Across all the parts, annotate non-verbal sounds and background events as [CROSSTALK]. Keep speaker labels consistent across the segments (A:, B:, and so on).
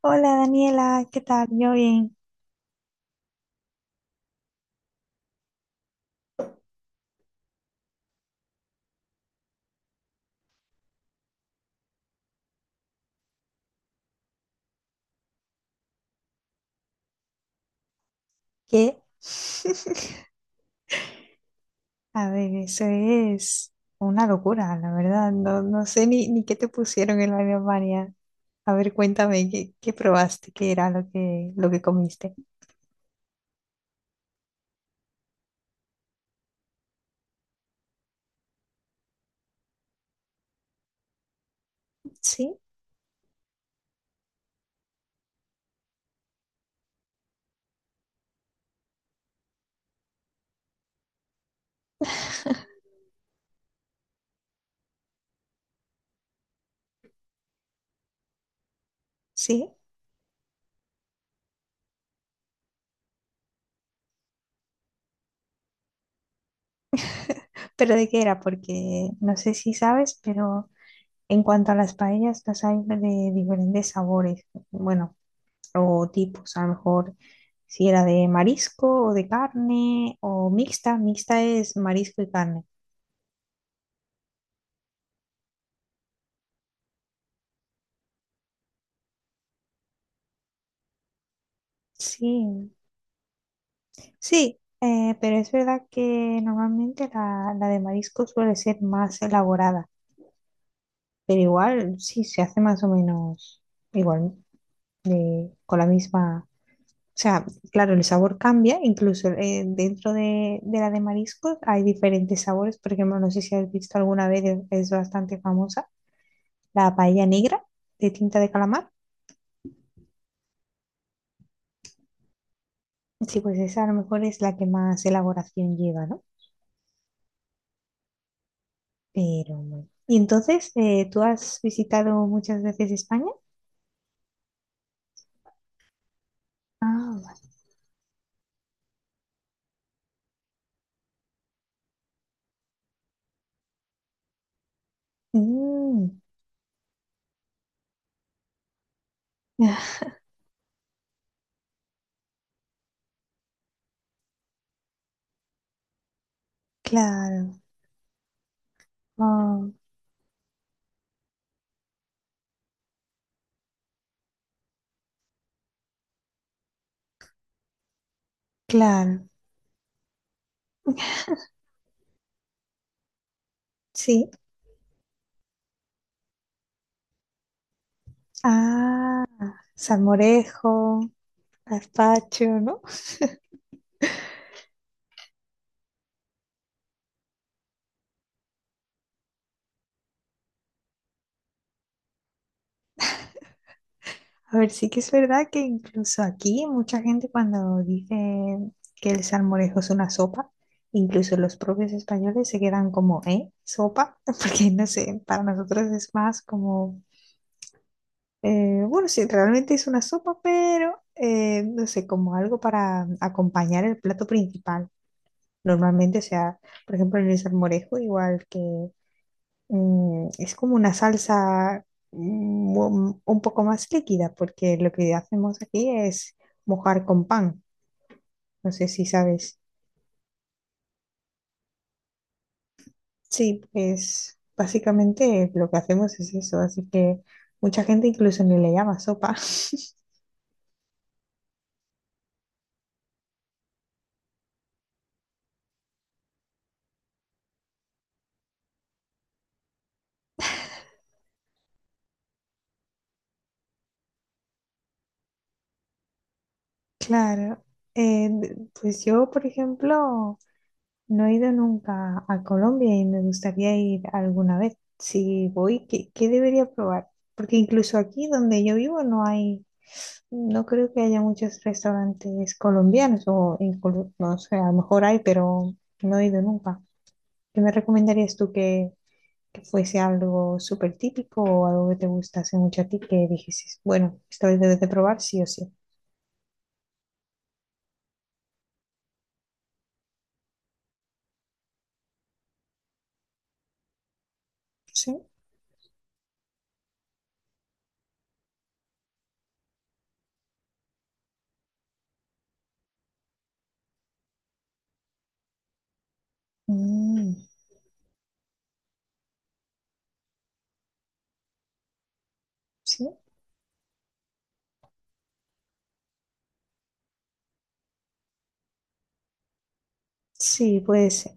A: Hola Daniela, ¿qué tal? Yo bien. ¿Qué? [LAUGHS] A ver, eso es una locura, la verdad. No, no sé ni qué te pusieron en la Alemania. A ver, cuéntame, ¿qué probaste? ¿Qué era lo que comiste? Sí, sí. ¿Pero de qué era? Porque no sé si sabes, pero en cuanto a las paellas, las hay de diferentes sabores. Bueno, o tipos, a lo mejor si era de marisco o de carne o mixta, mixta es marisco y carne. Sí, sí, pero es verdad que normalmente la de marisco suele ser más elaborada, pero igual sí se hace más o menos igual, con la misma... O sea, claro, el sabor cambia, incluso dentro de la de mariscos hay diferentes sabores. Por ejemplo, no sé si has visto alguna vez, es bastante famosa la paella negra de tinta de calamar. Sí, pues esa a lo mejor es la que más elaboración lleva, ¿no? Pero bueno. Y entonces, ¿tú has visitado muchas veces España? Ah, vale. Mm, ah, claro. Ah, claro. Sí. Ah, salmorejo, gazpacho, ¿no? [LAUGHS] A ver, sí que es verdad que incluso aquí mucha gente cuando dice que el salmorejo es una sopa, incluso los propios españoles se quedan como, ¿eh? ¿Sopa? [LAUGHS] Porque no sé, para nosotros es más como, bueno, sí, realmente es una sopa, pero no sé, como algo para acompañar el plato principal. Normalmente, o sea, por ejemplo, en el salmorejo, igual que es como una salsa un poco más líquida, porque lo que hacemos aquí es mojar con pan. No sé si sabes. Sí, pues básicamente lo que hacemos es eso, así que mucha gente incluso ni le llama sopa. [LAUGHS] Claro, pues yo, por ejemplo, no he ido nunca a Colombia y me gustaría ir alguna vez. Si voy, ¿qué debería probar? Porque incluso aquí donde yo vivo no hay. No creo que haya muchos restaurantes colombianos o en no sé, a lo mejor hay, pero no he ido nunca. ¿Qué me recomendarías tú que fuese algo súper típico o algo que te gustase mucho a ti que dijeses, bueno, esta vez debes de probar sí o sí? Sí. Mm, sí, sí, puede ser.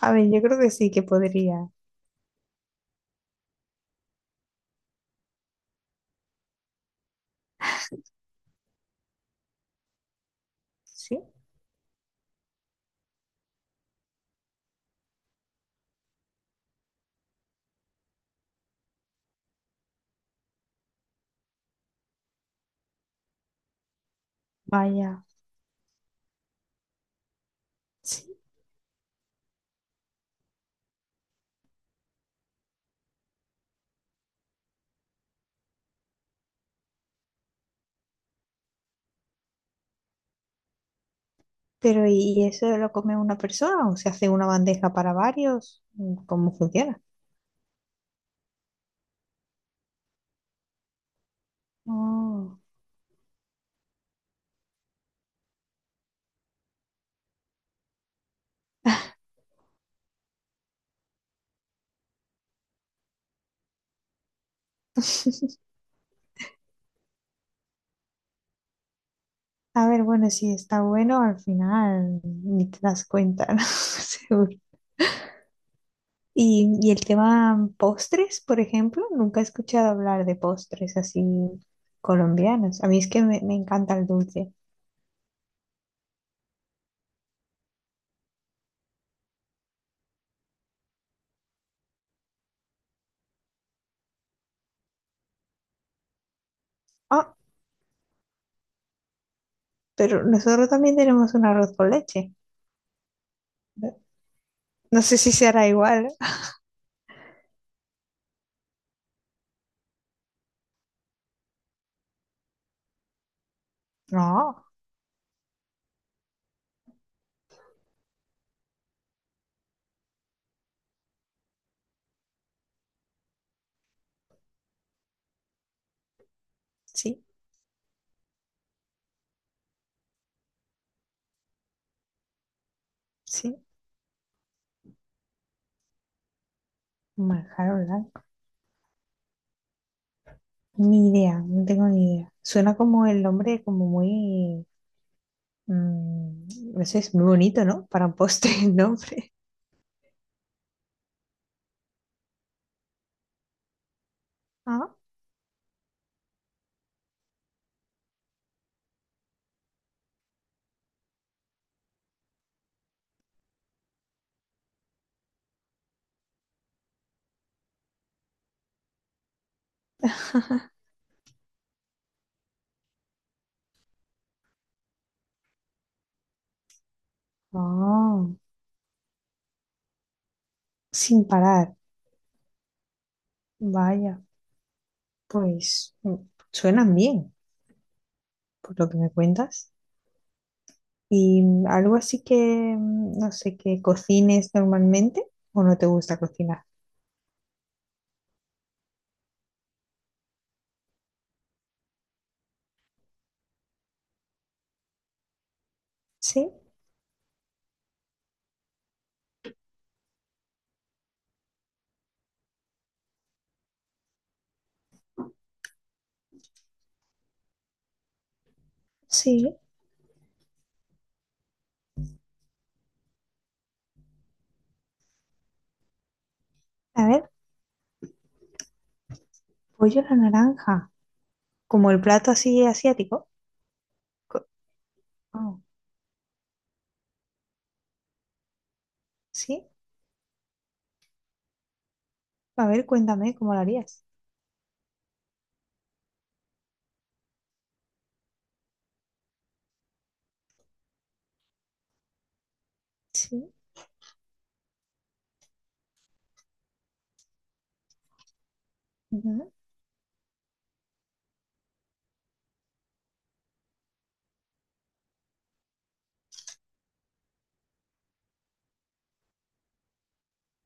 A: A ver, yo creo que sí que podría. Sí, vaya, sí. Pero ¿y eso lo come una persona o se hace una bandeja para varios? ¿Cómo funciona? Oh. A ver, bueno, si está bueno, al final ni te das cuenta, [LAUGHS] ¿no? Seguro. Y el tema postres, por ejemplo, nunca he escuchado hablar de postres así colombianos. A mí es que me encanta el dulce. Ah, pero nosotros también tenemos un arroz con leche. No no sé si será igual. [LAUGHS] No, sí, sí. Manjar blanco. Ni idea, no tengo ni idea. Suena como el nombre, como muy... no sé, es muy bonito, ¿no? Para un postre [LAUGHS] el nombre. Ah, [LAUGHS] ah, sin parar. Vaya, pues suenan bien, por lo que me cuentas. ¿Y algo así que, no sé, que cocines normalmente o no te gusta cocinar? Sí, sí. A ver, pollo a la naranja, como el plato así asiático. Co- oh, sí, a ver, cuéntame cómo lo harías. Sí, ujú,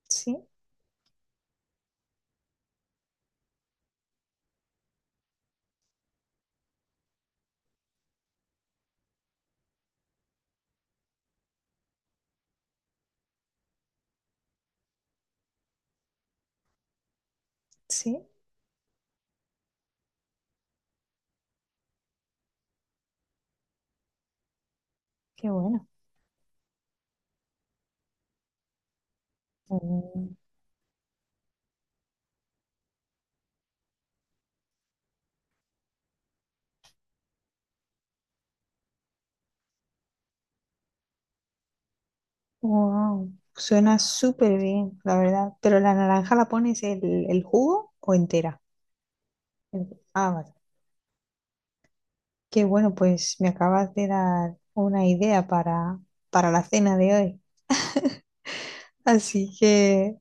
A: sí, sí, qué bueno. Wow, suena súper bien, la verdad. Pero la naranja la pones el jugo o entera. Ah, vale. Qué bueno, pues me acabas de dar una idea para la cena de hoy. Así que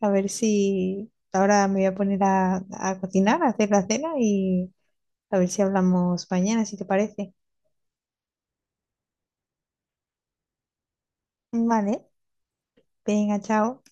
A: a ver si ahora me voy a poner a cocinar, a hacer la cena y a ver si hablamos mañana, si te parece. Vale, venga, chao.